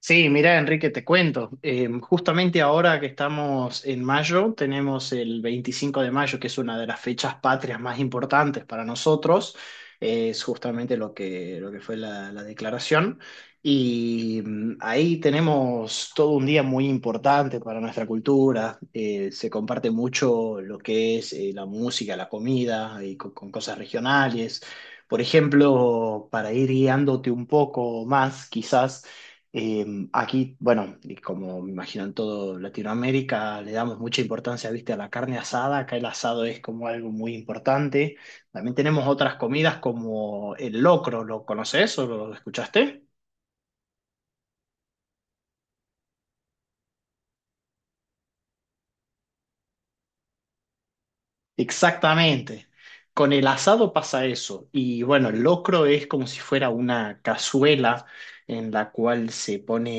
Sí, mira, Enrique, te cuento. Justamente ahora que estamos en mayo, tenemos el 25 de mayo, que es una de las fechas patrias más importantes para nosotros. Es justamente lo que fue la declaración. Ahí tenemos todo un día muy importante para nuestra cultura. Se comparte mucho lo que es la música, la comida, y con cosas regionales. Por ejemplo, para ir guiándote un poco más, quizás. Eh, Aquí, bueno, y como me imagino en todo Latinoamérica, le damos mucha importancia, viste, a la carne asada. Acá el asado es como algo muy importante. También tenemos otras comidas como el locro. ¿Lo conoces o lo escuchaste? Exactamente. Con el asado pasa eso. Y bueno, el locro es como si fuera una cazuela en la cual se pone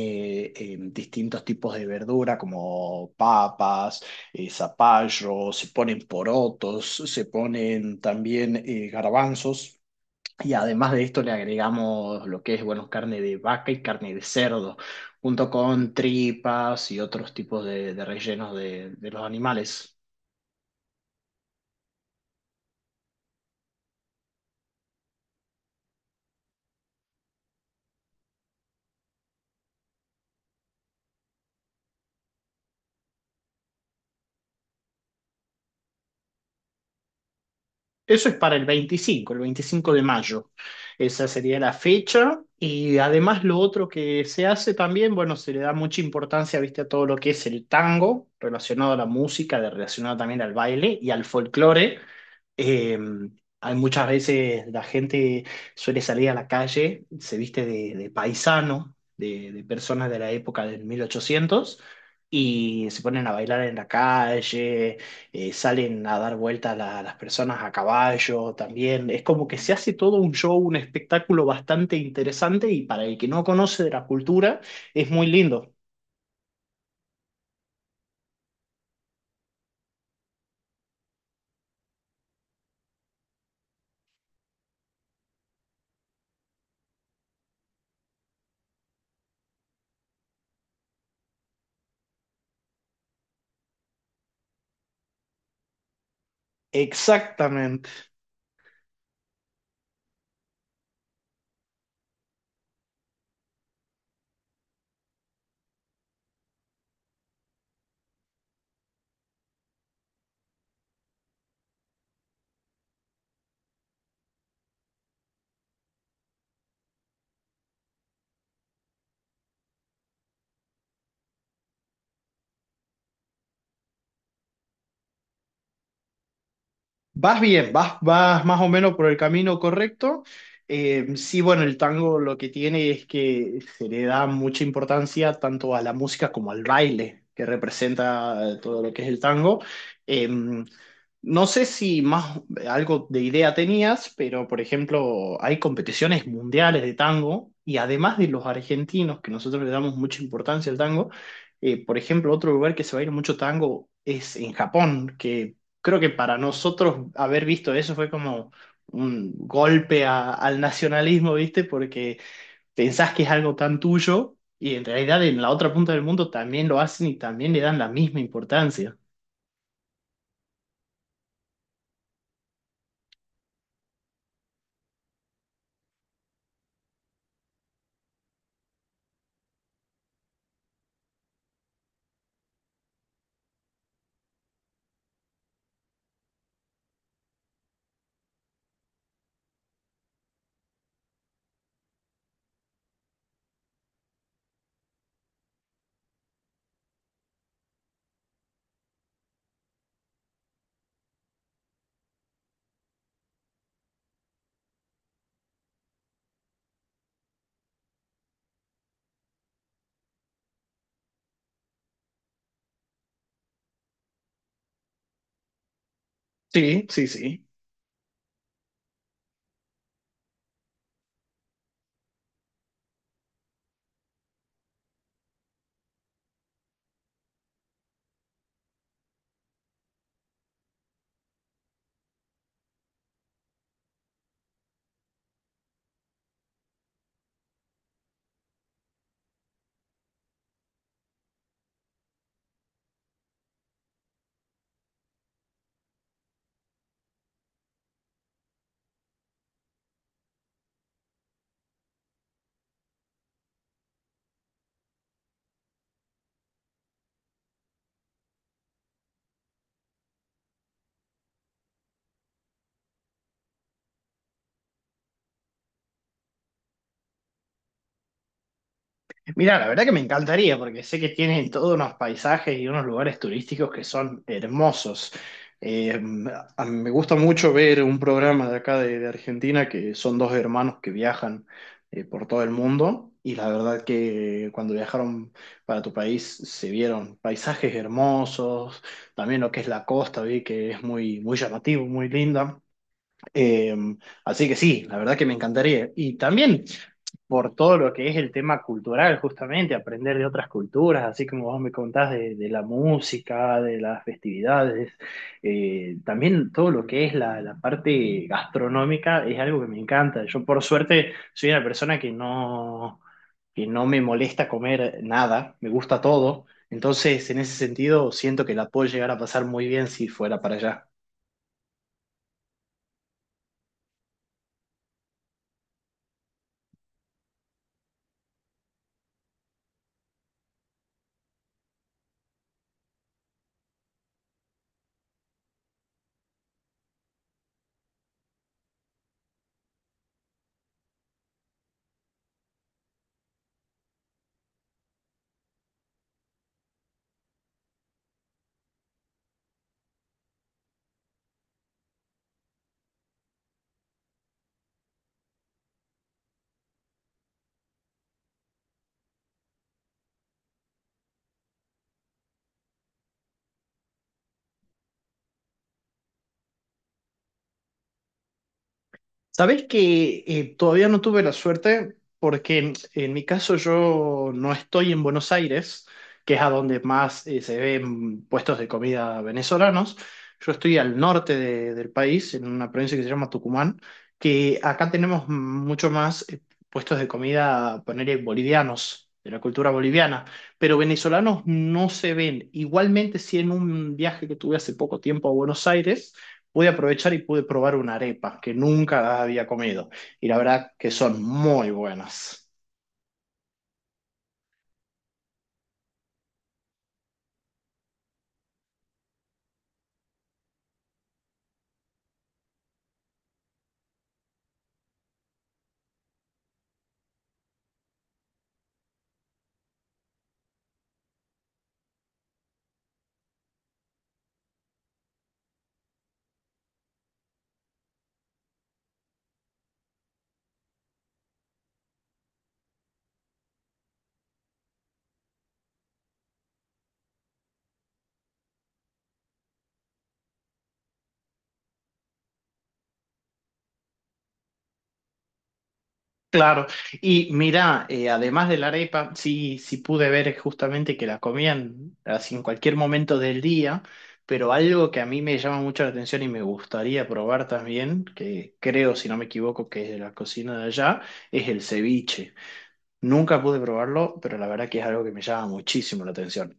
distintos tipos de verdura como papas, zapallo, se ponen porotos, se ponen también garbanzos. Y además de esto le agregamos lo que es, bueno, carne de vaca y carne de cerdo, junto con tripas y otros tipos de rellenos de los animales. Eso es para el 25, el 25 de mayo. Esa sería la fecha. Y además lo otro que se hace también, bueno, se le da mucha importancia, viste, a todo lo que es el tango, relacionado a la música, de- relacionado también al baile y al folclore. Eh, Hay muchas veces la gente suele salir a la calle, se viste de paisano, de personas de la época del 1800 y se ponen a bailar en la calle, salen a dar vueltas la- las personas a caballo también. Es como que se hace todo un show, un espectáculo bastante interesante y para el que no conoce de la cultura es muy lindo. Exactamente. Vas bien, vas, vas más o menos por el camino correcto. Sí, bueno, el tango lo que tiene es que se le da mucha importancia tanto a la música como al baile que representa todo lo que es el tango. Eh, no sé si más algo de idea tenías, pero por ejemplo, hay competiciones mundiales de tango y además de los argentinos, que nosotros le damos mucha importancia al tango, por ejemplo, otro lugar que se baila mucho tango es en Japón, que creo que para nosotros haber visto eso fue como un golpe a- al nacionalismo, ¿viste? Porque pensás que es algo tan tuyo y en realidad en la otra punta del mundo también lo hacen y también le dan la misma importancia. Sí, sí, sí. Mira, la verdad que me encantaría porque sé que tienen todos unos paisajes y unos lugares turísticos que son hermosos. Eh, a mí me gusta mucho ver un programa de acá de Argentina que son dos hermanos que viajan por todo el mundo y la verdad que cuando viajaron para tu país se vieron paisajes hermosos, también lo que es la costa, vi que es muy, muy llamativo, muy linda. Eh, Así que sí, la verdad que me encantaría. Y también por todo lo que es el tema cultural, justamente, aprender de otras culturas, así como vos me contás de la música, de las festividades, también todo lo que es la parte gastronómica es algo que me encanta. Yo por suerte soy una persona que no me molesta comer nada, me gusta todo, entonces en ese sentido siento que la puedo llegar a pasar muy bien si fuera para allá. Sabes que todavía no tuve la suerte porque en mi caso yo no estoy en Buenos Aires, que es a donde más se ven puestos de comida venezolanos. Yo estoy al norte de- del país, en una provincia que se llama Tucumán, que acá tenemos mucho más puestos de comida, ponerle bolivianos, de la cultura boliviana, pero venezolanos no se ven. Igualmente, si en un viaje que tuve hace poco tiempo a Buenos Aires, pude aprovechar y pude probar una arepa que nunca había comido. Y la verdad que son muy buenas. Claro, y mira, además de la arepa, sí, sí pude ver justamente que la comían así en cualquier momento del día, pero algo que a mí me llama mucho la atención y me gustaría probar también, que creo, si no me equivoco, que es de la cocina de allá, es el ceviche. Nunca pude probarlo, pero la verdad que es algo que me llama muchísimo la atención.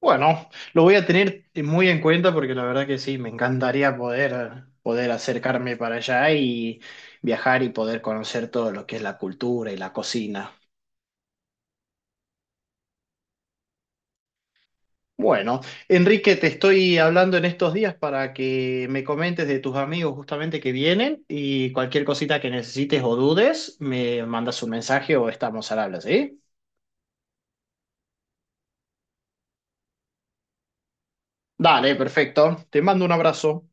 Bueno, lo voy a tener muy en cuenta porque la verdad que sí, me encantaría poder, poder acercarme para allá y viajar y poder conocer todo lo que es la cultura y la cocina. Bueno, Enrique, te estoy hablando en estos días para que me comentes de tus amigos justamente que vienen y cualquier cosita que necesites o dudes, me mandas un mensaje o estamos al habla, ¿sí? Dale, perfecto. Te mando un abrazo.